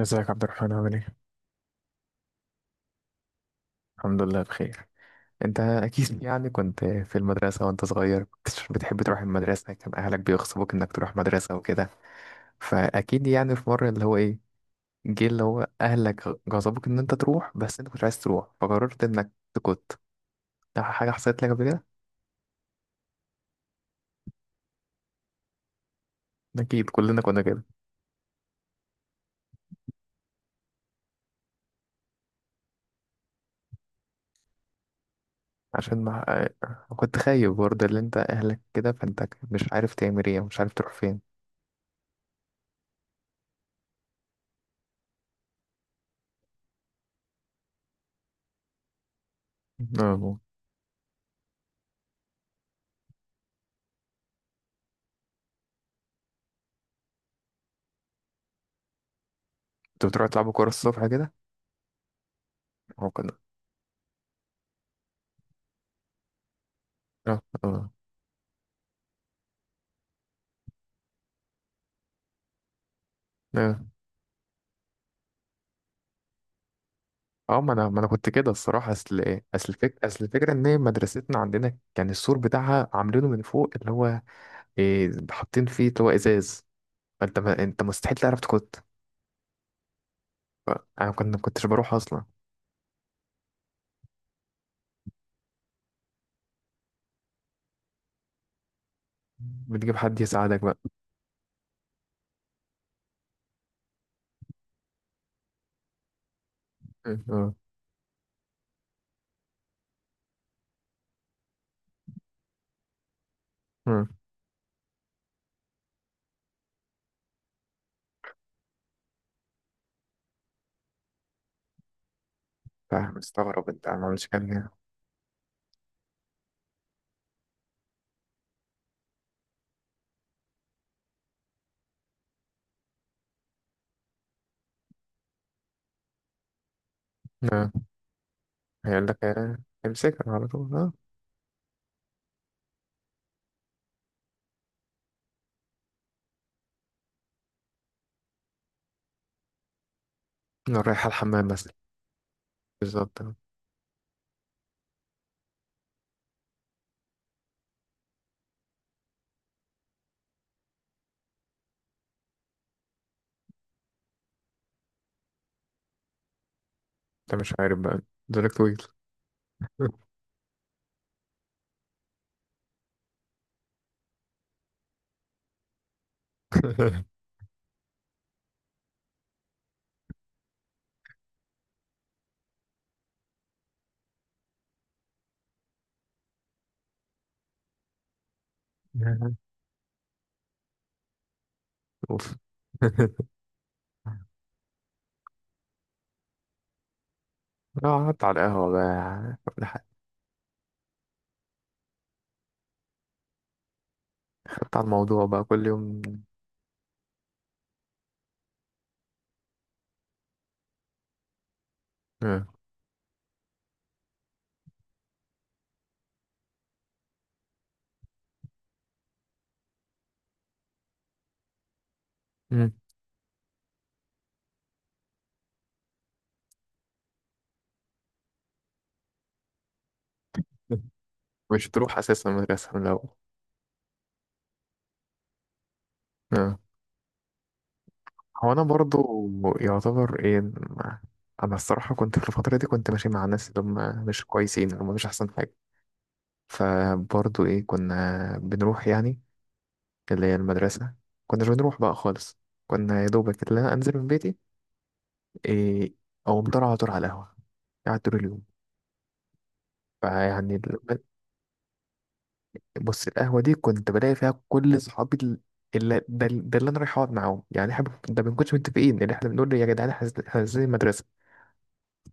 ازيك عبد الرحمن؟ عامل ايه؟ الحمد لله بخير. انت اكيد يعني كنت في المدرسة وانت صغير، كنت بتحب تروح المدرسة؟ كان اهلك بيغصبوك انك تروح مدرسة وكده؟ فاكيد يعني في مرة اللي هو ايه، جه اللي هو اهلك غصبوك ان انت تروح، بس انت كنت عايز تروح فقررت انك تكت، ده حاجة حصلت لك قبل كده؟ اكيد كلنا كنا كده. عشان ما كنت خايف برضه اللي انت اهلك كده، فانت مش عارف تعمل ايه، مش عارف تروح فين. اه، كنت بتروح تلعبوا كورة الصبح كده؟ اه كنا. اه اه اه، ما انا ما انا كنت كده الصراحه، اصل ايه، اصل الفكره ان إيه، مدرستنا عندنا كان السور بتاعها عاملينه من فوق، اللي هو إيه، حاطين فيه اللي هو ازاز، فانت ما... انت مستحيل تعرف تكت. ف- انا كنت ما كنتش بروح اصلا. بتجيب حد يساعدك بقى؟ اه. اه، فاهم. مستغرب انت ما عملتش كده. اه، هيقول لك آه، امسكها على طول. اه، أنا رايح الحمام مثلا. بالظبط آه. انت مش عارف بقى، دولك طويل. اوف. اه، قعدت على القهوة بقى. على الموضوع بقى كل يوم. آه. مم. مش تروح اساسا المدرسه من الاول. آه. هو انا برضو يعتبر ايه انا الصراحه كنت في الفتره دي، كنت ماشي مع ناس اللي هم مش كويسين، اللي هم مش احسن حاجه، فبرضو ايه كنا بنروح يعني اللي هي المدرسه، كناش بنروح بقى خالص. كنا يا دوبك اللي انا انزل من بيتي، إيه، او مطر على طول على القهوه، قاعد طول اليوم. فيعني بص، القهوة دي كنت بلاقي فيها كل صحابي اللي ده، ده اللي انا رايح اقعد معاهم. يعني احنا ده ما بنكونش متفقين اللي احنا بنقول يا جدعان احنا نازلين، إحنا نازلين المدرسة.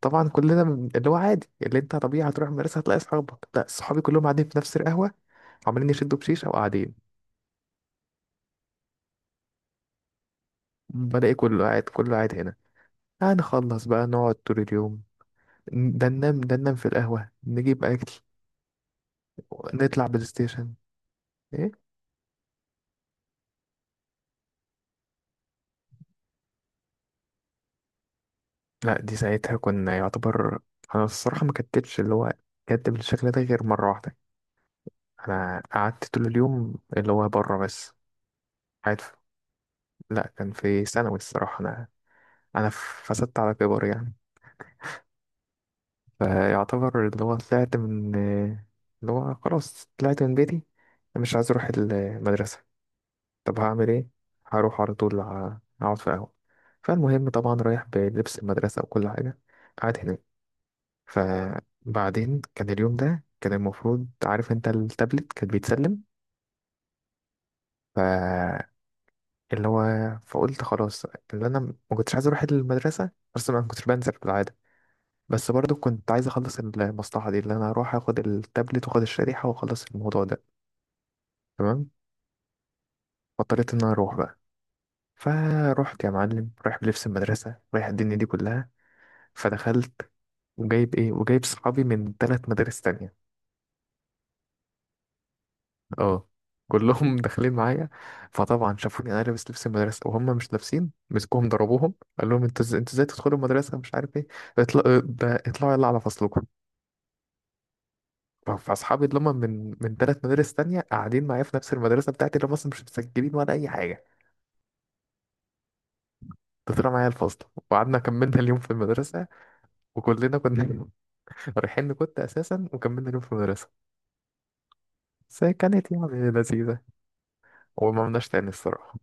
طبعا كلنا اللي هو عادي، اللي انت طبيعي هتروح المدرسة هتلاقي صحابك، لا صحابي كلهم قاعدين في نفس القهوة، عمالين يشدوا بشيشة وقاعدين. بلاقي كله قاعد، كله قاعد هنا. هنخلص بقى، نقعد طول اليوم، ده ننام، ده ننام في القهوة، نجيب أكل، نطلع بلاي ستيشن. ايه؟ لا دي ساعتها كنا يعتبر، انا الصراحة ما كتبتش اللي هو كتب الشكل ده غير مرة واحدة. انا قعدت طول اليوم اللي هو بره بس، قاعد في... لا كان في ثانوي الصراحه. انا انا فسدت على كبر يعني. فيعتبر اللي هو طلعت من اللي هو، خلاص طلعت من بيتي، أنا مش عايز اروح المدرسه، طب هعمل ايه، هروح على طول اقعد في قهوه. فالمهم طبعا رايح بلبس المدرسه وكل حاجه، قاعد هناك. فبعدين كان اليوم ده كان المفروض، عارف انت التابلت كان بيتسلم، اللي هو، فقلت خلاص، اللي انا ما كنتش عايز اروح المدرسه بس انا ما كنتش بنزل بالعاده، بس برضو كنت عايز اخلص المصلحه دي، اللي انا اروح اخد التابلت واخد الشريحه واخلص الموضوع ده. تمام. فاضطريت ان انا اروح بقى. فروحت يا معلم، رايح بلبس المدرسه، رايح الدنيا دي كلها. فدخلت، وجايب ايه، وجايب صحابي من ثلاث مدارس تانية. اه، كلهم داخلين معايا. فطبعا شافوني انا لابس لبس المدرسه وهم مش لابسين، مسكوهم ضربوهم، قال لهم انتوا انتوا ازاي تدخلوا المدرسه، مش عارف ايه، اطلع ده، اطلعوا يلا على فصلكم. فاصحابي اللي هم من ثلاث مدارس تانية قاعدين معايا في نفس المدرسه بتاعتي، اللي هم اصلا مش مسجلين ولا اي حاجه، ده طلع معايا الفصل، وقعدنا كملنا اليوم في المدرسه. وكلنا كنا رايحين، كنت اساسا، وكملنا اليوم في المدرسه، بس هي كانت يعني لذيذه، وما عملناش تاني الصراحه.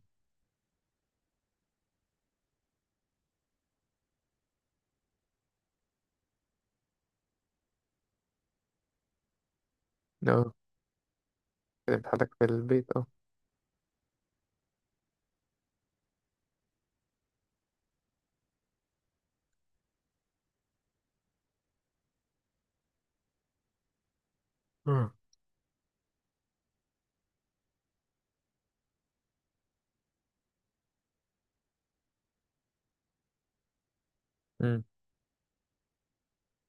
اه. كانت حالك في البيت اه. مم.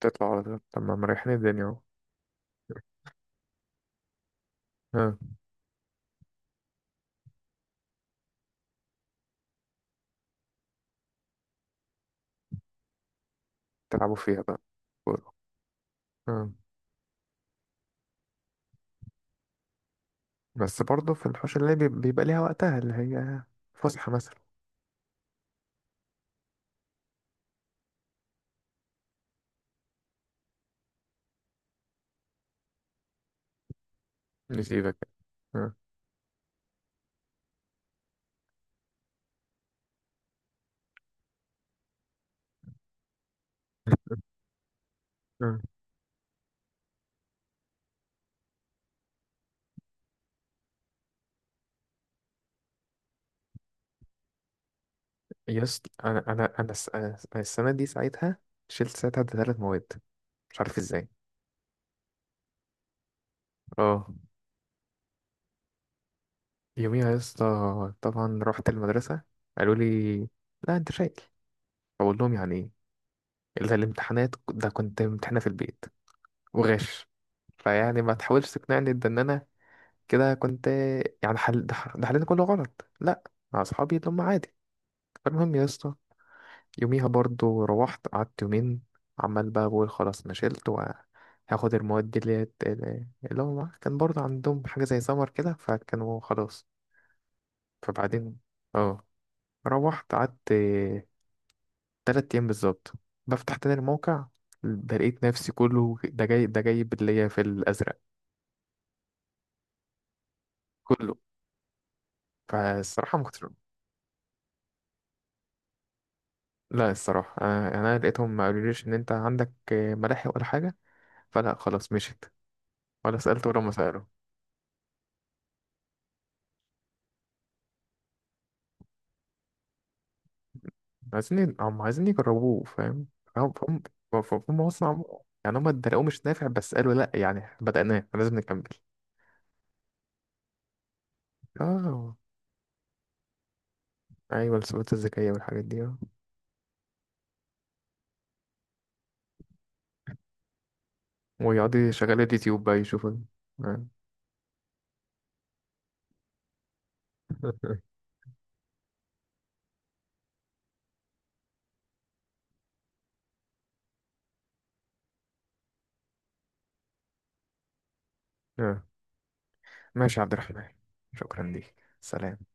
تطلع على طول، طب ما مريحين الدنيا اهو. ها. تلعبوا فيها بقى كورة. ها، بس برضه في الحوش اللي بيبقى ليها وقتها اللي هي فسحة مثلا. نسيبك. ها. ها. يس، انا انا أنا السنة دي ساعتها شلت ساعتها ثلاث مواد، مش عارف ازاي. اه. يوميها يا اسطى طبعا رحت المدرسة، قالوا لي لا انت شايل، بقول لهم يعني ايه؟ الا الامتحانات ده كنت امتحانها في البيت وغش، فيعني ما تحاولش تقنعني ده ان انا كده كنت يعني ده ده حلينا كله غلط، لا، مع اصحابي اللي هم عادي. فالمهم يا اسطى، يوميها برضو روحت قعدت يومين، عمال بقى بقول خلاص انا شلت وهاخد المواد دي، اللي اللي هم كان برضو عندهم حاجة زي سمر كده فكانوا خلاص. فبعدين اه، روحت قعدت تلات أيام بالظبط، بفتح تاني الموقع ده لقيت نفسي كله ده جاي، ده جايب اللي هي في الأزرق، كله. فالصراحة ما كنتش. لا الصراحة أنا لقيتهم ما قالوليش إن أنت عندك ملاحق ولا حاجة، فلا خلاص مشيت، ولا سألت ولا ما سألوا. عايزين هم عايزين يجربوه، فاهم. فهم. فهم. فهم، هم أصلا يعني هم اتدلقوه مش نافع، بس قالوا لأ يعني بدأناه لازم نكمل. آه، أيوة، السبوتات الذكية والحاجات دي آه. ويقعدوا يشغلوا اليوتيوب بقى يشوفوا. آه. آه. ماشي يا عبد الرحمن، شكرا ليك، سلام.